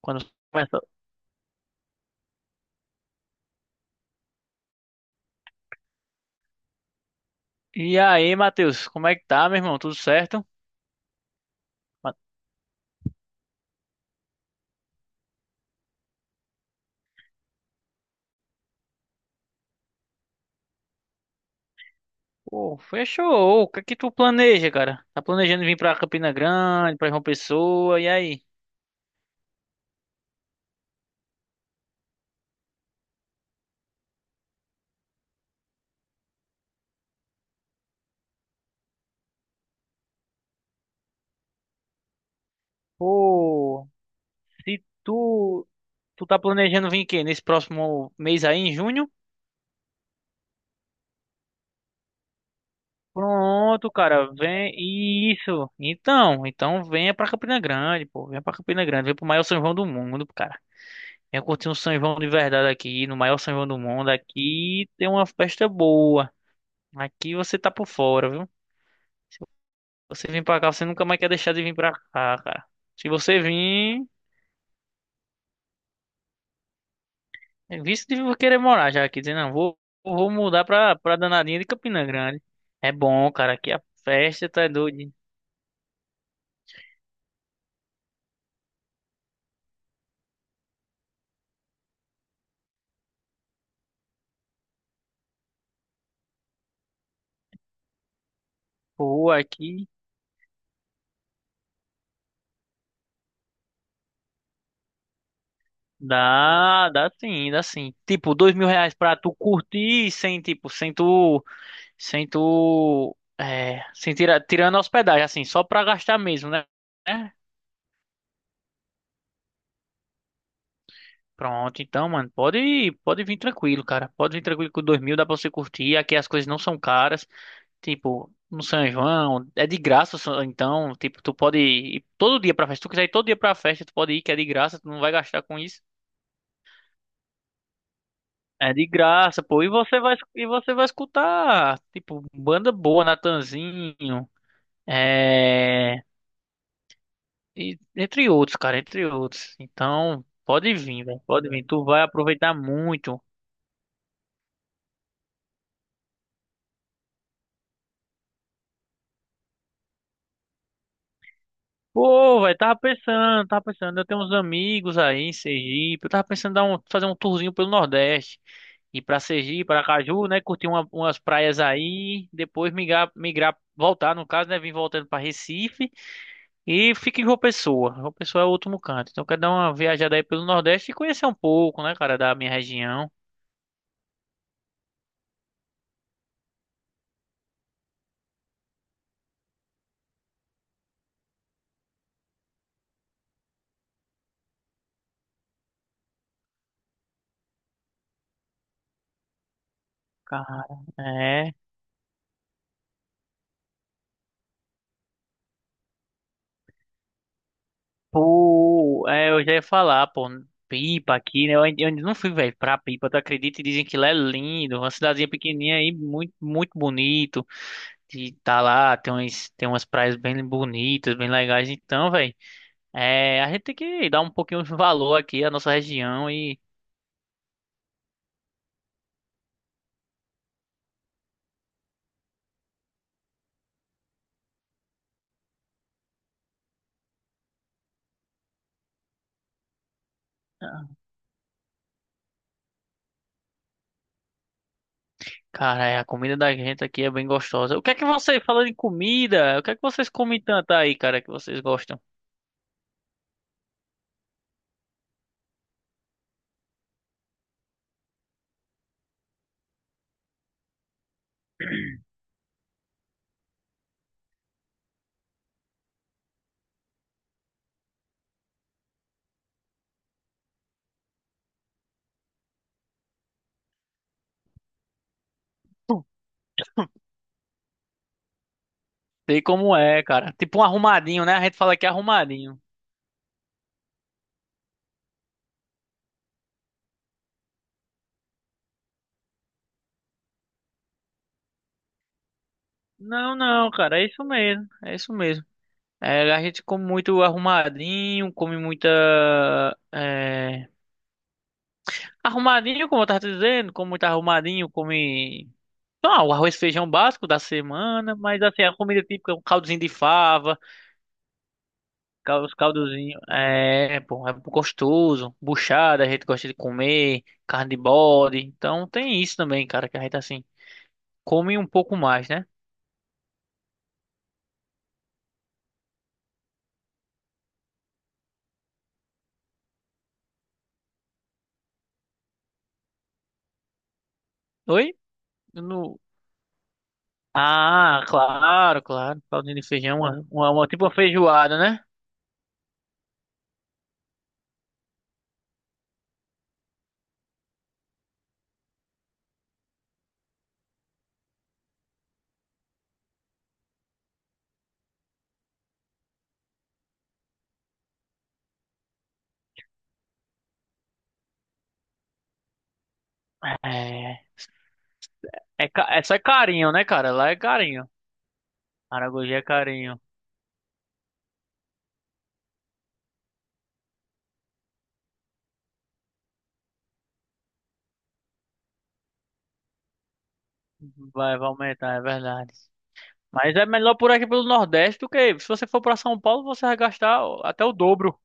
Quando começa. E aí, Matheus, como é que tá, meu irmão? Tudo certo? Ma- Pô, fechou. O que é que tu planeja, cara? Tá planejando vir pra Campina Grande, pra João Pessoa, e aí? Pô, se tu, tu tá planejando vir quê? Nesse próximo mês aí, em junho? Pronto, cara, vem. Isso. Então venha pra Campina Grande, pô. Venha pra Campina Grande, vem pro maior São João do mundo, cara. Venha curtir um São João de verdade aqui, no maior São João do mundo. Aqui tem uma festa boa. Aqui você tá por fora, viu? Você vem pra cá, você nunca mais quer deixar de vir pra cá, cara. Se você vir, é visto de querer morar já aqui, dizendo, não, vou mudar pra danadinha de Campina Grande. É bom, cara, aqui a festa tá doida. Pô, aqui dá sim, dá sim. Tipo, R$ 2.000 pra tu curtir sem, tipo, sem tu, sem tu, é, sem tirar, tirando a hospedagem, assim, só pra gastar mesmo, né? Pronto, então, mano, pode vir tranquilo, cara. Pode vir tranquilo com 2.000, dá pra você curtir. Aqui as coisas não são caras. Tipo, no São João, é de graça, então, tipo, tu pode ir todo dia pra festa. Se tu quiser ir todo dia pra festa, tu pode ir, que é de graça, tu não vai gastar com isso. É de graça, pô. E você vai escutar, tipo, banda boa, Natanzinho, é... entre outros, cara, entre outros. Então, pode vir, velho, pode vir. Tu vai aproveitar muito. Pô, velho, tava pensando, eu tenho uns amigos aí em Sergipe, eu tava pensando em fazer um tourzinho pelo Nordeste, ir pra Sergipe, pra Caju, né, curtir umas praias aí, migrar, voltar, no caso, né, vir voltando pra Recife e fica em João Pessoa, João Pessoa é o último canto, então eu quero dar uma viajada aí pelo Nordeste e conhecer um pouco, né, cara, da minha região. Cara, é. Pô, é, eu já ia falar, pô, Pipa aqui, né? Eu ainda não fui, velho, pra Pipa, tu acredita? E dizem que lá é lindo, uma cidadezinha pequenininha aí, muito, muito bonito. E tá lá, tem umas praias bem bonitas, bem legais. Então, velho, é, a gente tem que dar um pouquinho de valor aqui à nossa região e, cara, é, a comida da gente aqui é bem gostosa. O que é que vocês, falando em comida, o que é que vocês comem tanto aí, cara, que vocês gostam? Sei como é, cara. Tipo um arrumadinho, né? A gente fala que é arrumadinho. Não, não, cara, é isso mesmo, é isso mesmo. É, a gente come muito arrumadinho, come muita. É, arrumadinho, como eu tava te dizendo, come muito arrumadinho, come. Ah, o arroz e feijão básico da semana, mas assim, a comida típica é um caldozinho de fava, os caldozinhos, é, pô, é gostoso, buchada, a gente gosta de comer, carne de bode, então tem isso também, cara, que a gente assim, come um pouco mais, né? Oi? Ah, claro, claro. Caldinho de feijão, tipo uma feijoada, né? É, é só carinho, né, cara? Lá é carinho. Aragogi é carinho. Vai, vai aumentar, é verdade. Mas é melhor por aqui pelo Nordeste do que se você for pra São Paulo, você vai gastar até o dobro.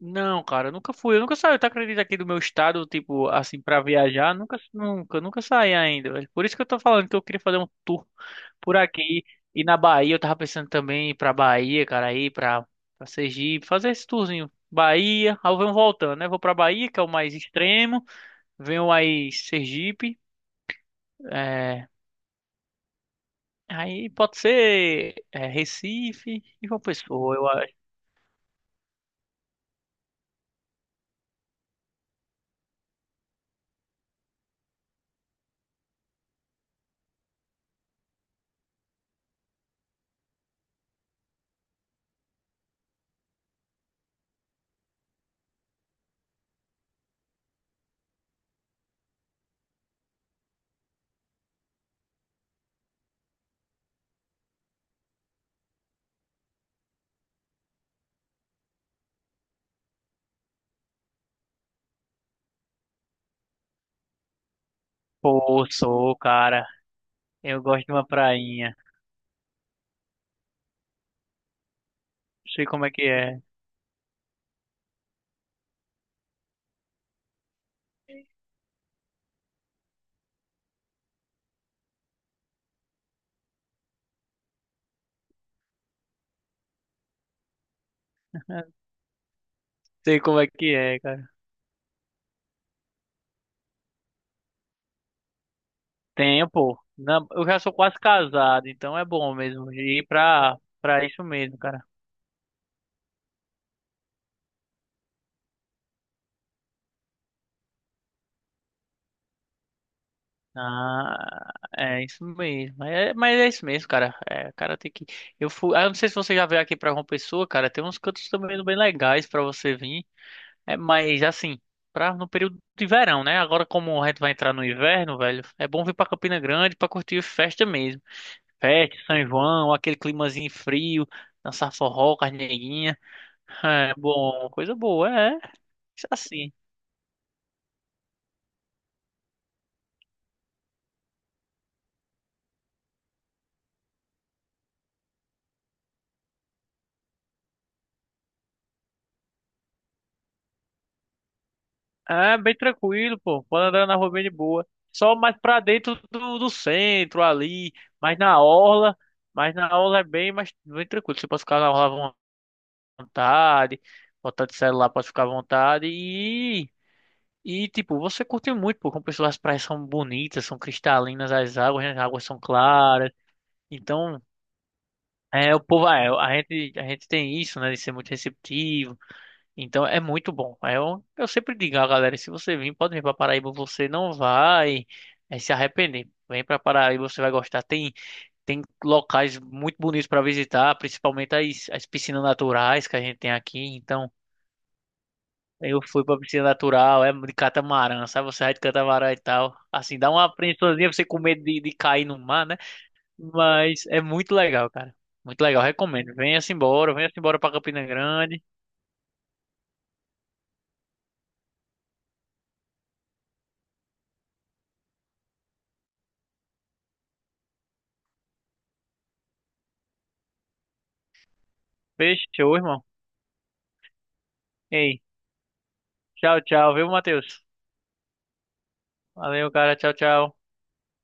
Não, cara, eu nunca fui. Eu nunca saí, tu acredita, aqui do meu estado, tipo, assim, pra viajar? Nunca, nunca, nunca saí ainda, velho. Por isso que eu tô falando que eu queria fazer um tour por aqui. E na Bahia, eu tava pensando também em ir pra Bahia, cara, pra Sergipe, fazer esse tourzinho. Bahia, aí eu venho voltando, né? Vou pra Bahia, que é o mais extremo. Venho aí Sergipe, é... aí pode ser é, Recife e João Pessoa, eu acho. Pô, sou, cara. Eu gosto de uma prainha. Não sei como é que é. Sei como é que é, cara. Tempo. Não, eu já sou quase casado, então é bom mesmo ir pra isso mesmo, cara. Ah, é isso mesmo. Mas é isso mesmo, cara. É, cara, tem que. Eu fui. Ah, eu não sei se você já veio aqui pra João Pessoa, cara. Tem uns cantos também bem legais pra você vir. É, mas assim, pra, no período de verão, né? Agora, como a gente vai entrar no inverno, velho, é bom vir pra Campina Grande pra curtir festa mesmo. Festa, São João, aquele climazinho frio, dançar forró, carneirinha. É bom, coisa boa, é. Isso. Assim, é bem tranquilo, pô. Pode andar na rua bem de boa. Só mais pra dentro do centro ali, mas na orla, mas na orla é bem tranquilo. Você pode ficar na orla à vontade, botar de celular, pode ficar à vontade e tipo, você curte muito, pô, como pessoas as praias são bonitas, são cristalinas as águas, né? As águas são claras. Então, é, o povo, é, a gente tem isso, né, de ser muito receptivo. Então é muito bom. Eu sempre digo a galera, se você vir, pode vir para Paraíba, você não vai se arrepender. Vem para Paraíba, você vai gostar. Tem locais muito bonitos para visitar, principalmente as piscinas naturais que a gente tem aqui. Então eu fui para piscina natural, é de catamarã, sabe? Você vai de catamarã e tal. Assim, dá uma apreensãozinha você com medo de cair no mar, né? Mas é muito legal, cara. Muito legal, recomendo. Venha-se embora para Campina Grande. Fechou, irmão. Ei. Tchau, tchau, viu, Matheus? Valeu, cara. Tchau, tchau.